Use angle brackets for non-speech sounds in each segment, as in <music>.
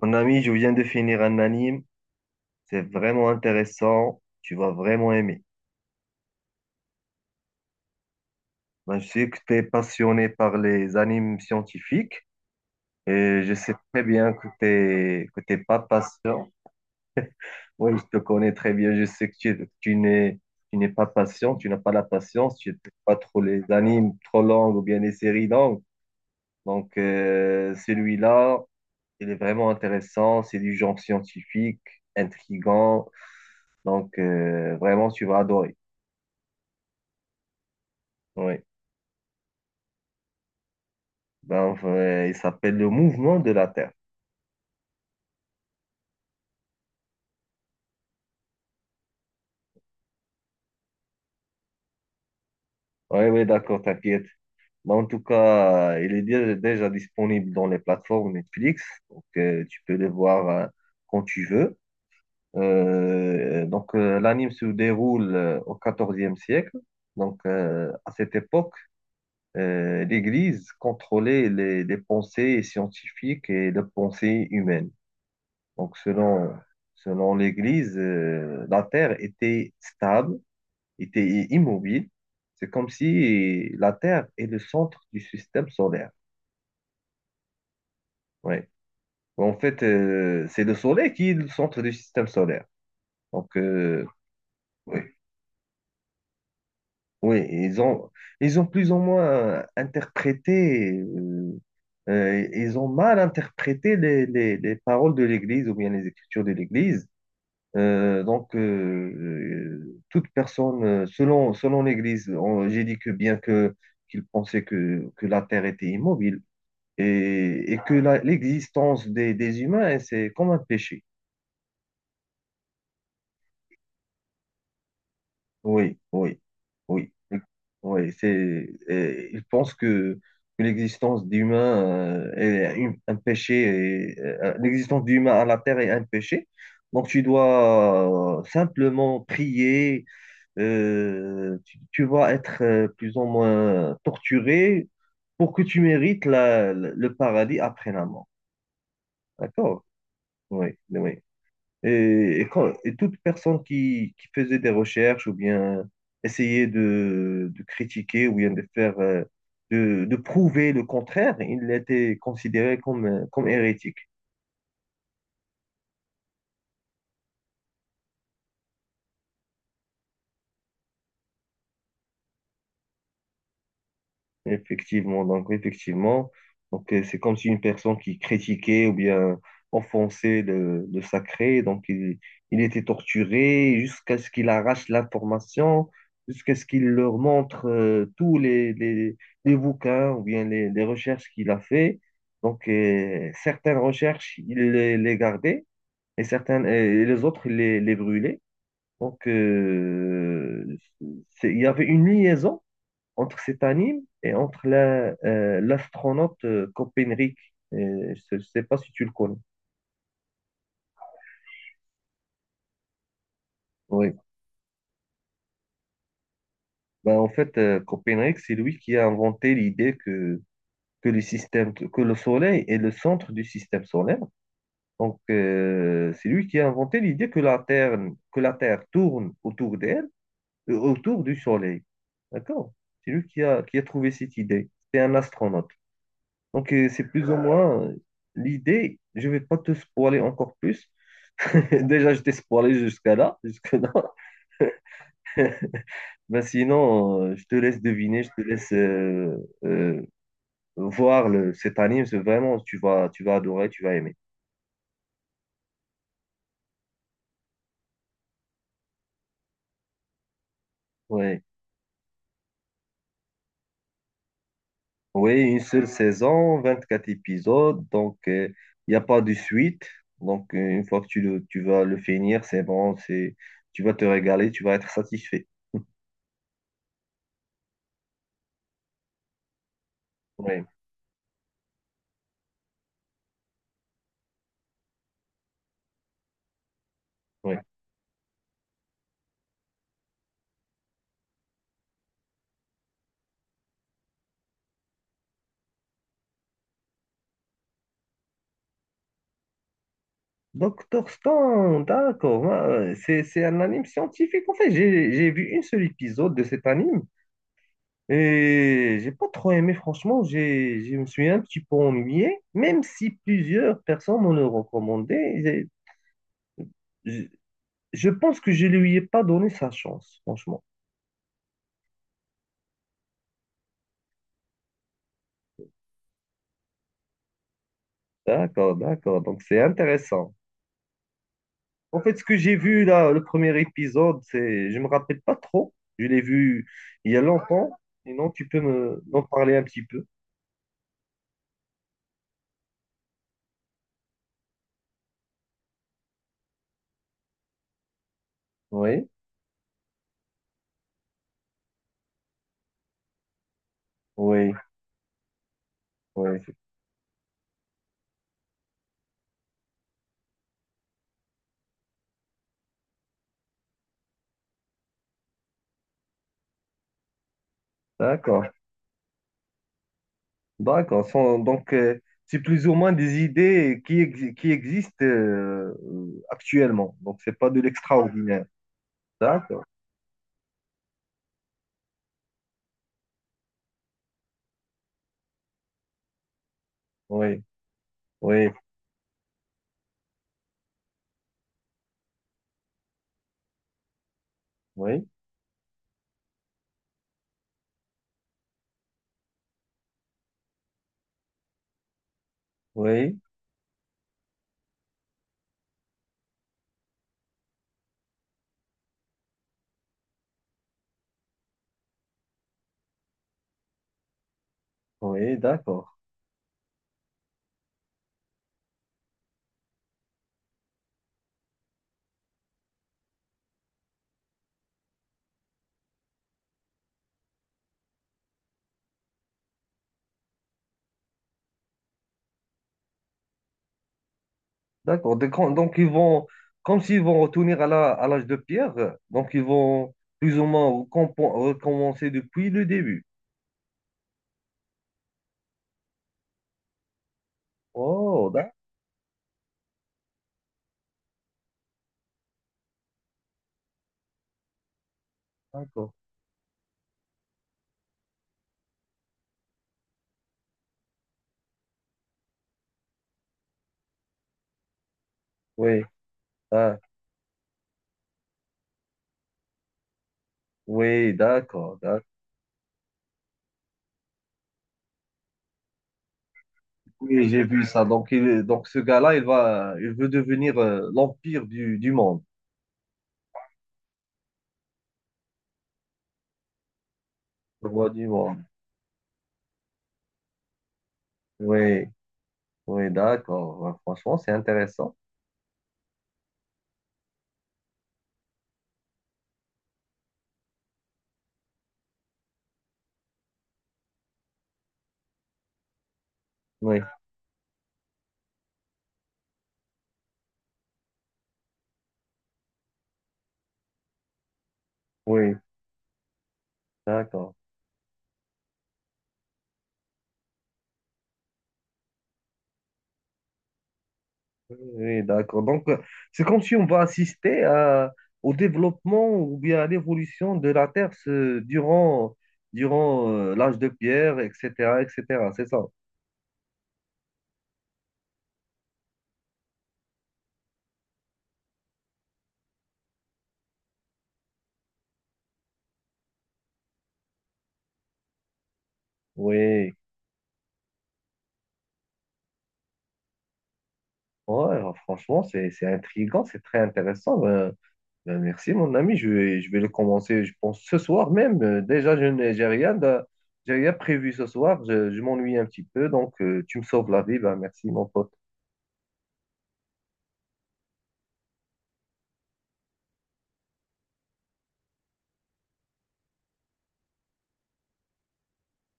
Mon ami, je viens de finir un anime. C'est vraiment intéressant. Tu vas vraiment aimer. Ben, je sais que tu es passionné par les animes scientifiques et je sais très bien que t'es pas patient. Oui, je te connais très bien. Je sais que tu n'es pas patient. Tu n'as pas la patience. Tu n'aimes pas trop les animes trop longues ou bien les séries longues. Donc, celui-là, il est vraiment intéressant. C'est du genre scientifique, intriguant. Donc, vraiment, tu vas adorer. Oui. Donc, il s'appelle le mouvement de la Terre. Oui, oui, d'accord, t'inquiète. Mais en tout cas, il est déjà disponible dans les plateformes Netflix. Donc, tu peux le voir quand tu veux. L'anime se déroule au 14e siècle. Donc, à cette époque, l'Église contrôlait les pensées scientifiques et les pensées humaines. Donc, selon l'Église, la Terre était stable était immobile. C'est comme si la Terre est le centre du système solaire. Ouais. En fait, c'est le Soleil qui est le centre du système solaire. Donc, oui, oui, ils ont plus ou moins interprété, ils ont mal interprété les paroles de l'Église ou bien les écritures de l'Église. Toute personne, selon l'Église, j'ai dit que bien que qu'ils pensaient que la Terre était immobile, et que l'existence des humains, hein, c'est comme un péché. Oui, oui, oui, oui. C'est, et ils pensent que l'existence d'humains est un péché, et, l'existence d'humains à la terre est un péché. Donc tu dois simplement prier, tu vas être plus ou moins torturé pour que tu mérites le paradis après la mort. D'accord? Oui, oui. Et toute personne qui faisait des recherches ou bien essayait de critiquer ou bien de faire, de prouver le contraire, il était considéré comme hérétique. Effectivement, donc c'est comme si une personne qui critiquait ou bien offensait le sacré, donc il était torturé jusqu'à ce qu'il arrache l'information, jusqu'à ce qu'il leur montre tous les bouquins ou bien les recherches qu'il a fait. Donc certaines recherches, il les gardait et certaines et les autres, il les brûlait. Donc il y avait une liaison entre cet anime et entre l'astronaute Copernic. Je ne sais pas si tu le connais. Oui. Ben, en fait, Copernic, c'est lui qui a inventé l'idée que les systèmes, que le Soleil est le centre du système solaire. Donc, c'est lui qui a inventé l'idée que la Terre tourne autour d'elle, autour du Soleil. D'accord? C'est lui qui a trouvé cette idée. C'est un astronaute. Donc, c'est plus ou moins l'idée. Je ne vais pas te spoiler encore plus. <laughs> Déjà, je t'ai spoilé jusqu'à là, jusque là. Ben sinon, je te laisse deviner, je te laisse euh, voir cet anime. C'est vraiment, tu vas adorer, tu vas aimer. Oui, oui, une seule saison, 24 épisodes, donc il n'y a pas de suite. Donc, une fois que tu vas le finir, c'est bon, c'est, tu vas te régaler, tu vas être satisfait. <laughs> Oui, oui. Doctor Stone, d'accord. Ouais, ouais. C'est un anime scientifique. En fait, j'ai vu une seule épisode de cet anime. Et j'ai pas trop aimé, franchement, je me suis un petit peu ennuyé, même si plusieurs personnes m'ont le recommandé. j'ai- Je, je pense que je lui ai pas donné sa chance, franchement. D'accord, d'accord, donc c'est intéressant. En fait, ce que j'ai vu là, le premier épisode, c'est, je me rappelle pas trop. Je l'ai vu il y a longtemps. Sinon, tu peux m'en parler un petit peu. Oui, oui, oui. D'accord. D'accord. Donc, c'est plus ou moins des idées qui existent actuellement. Donc, c'est pas de l'extraordinaire. D'accord. Oui, oui, oui, oui, oui, d'accord. D'accord. Donc, donc, ils vont, comme s'ils vont retourner à à l'âge de pierre, donc ils vont plus ou moins recommencer depuis le début. Oh, d'accord. Oui, ah, oui, d'accord, d'accord. Oui, j'ai vu ça. Donc, donc ce gars-là, il va, il veut devenir l'empire du monde, le roi du monde. Oui, oui, d'accord. Ouais, franchement, c'est intéressant. Oui, oui, d'accord. Oui, d'accord. Donc, c'est comme si on va assister au développement ou bien à l'évolution de la Terre durant l'âge de pierre, etc., etc. C'est ça. Oui, ouais, franchement, c'est intriguant, c'est très intéressant. Ben, merci, mon ami. Je vais le commencer, je pense, ce soir même. Déjà, je n'ai, j'ai rien de- j'ai rien prévu ce soir. Je m'ennuie un petit peu, donc tu me sauves la vie. Ben, merci, mon pote.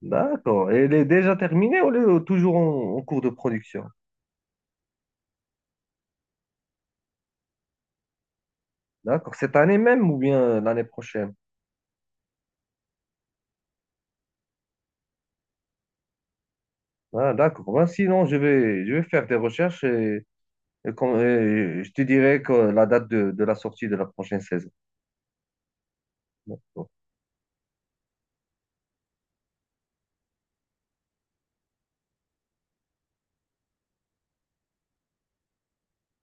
D'accord. Et elle est déjà terminée ou elle est toujours en cours de production? D'accord. Cette année même ou bien l'année prochaine? Ah, d'accord. Ben, sinon, je vais faire des recherches et je te dirai que la date de la sortie de la prochaine saison. D'accord.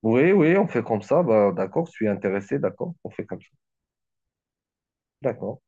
Oui, oui, on fait comme ça. Ben, d'accord, je suis intéressé. D'accord, on fait comme ça. D'accord.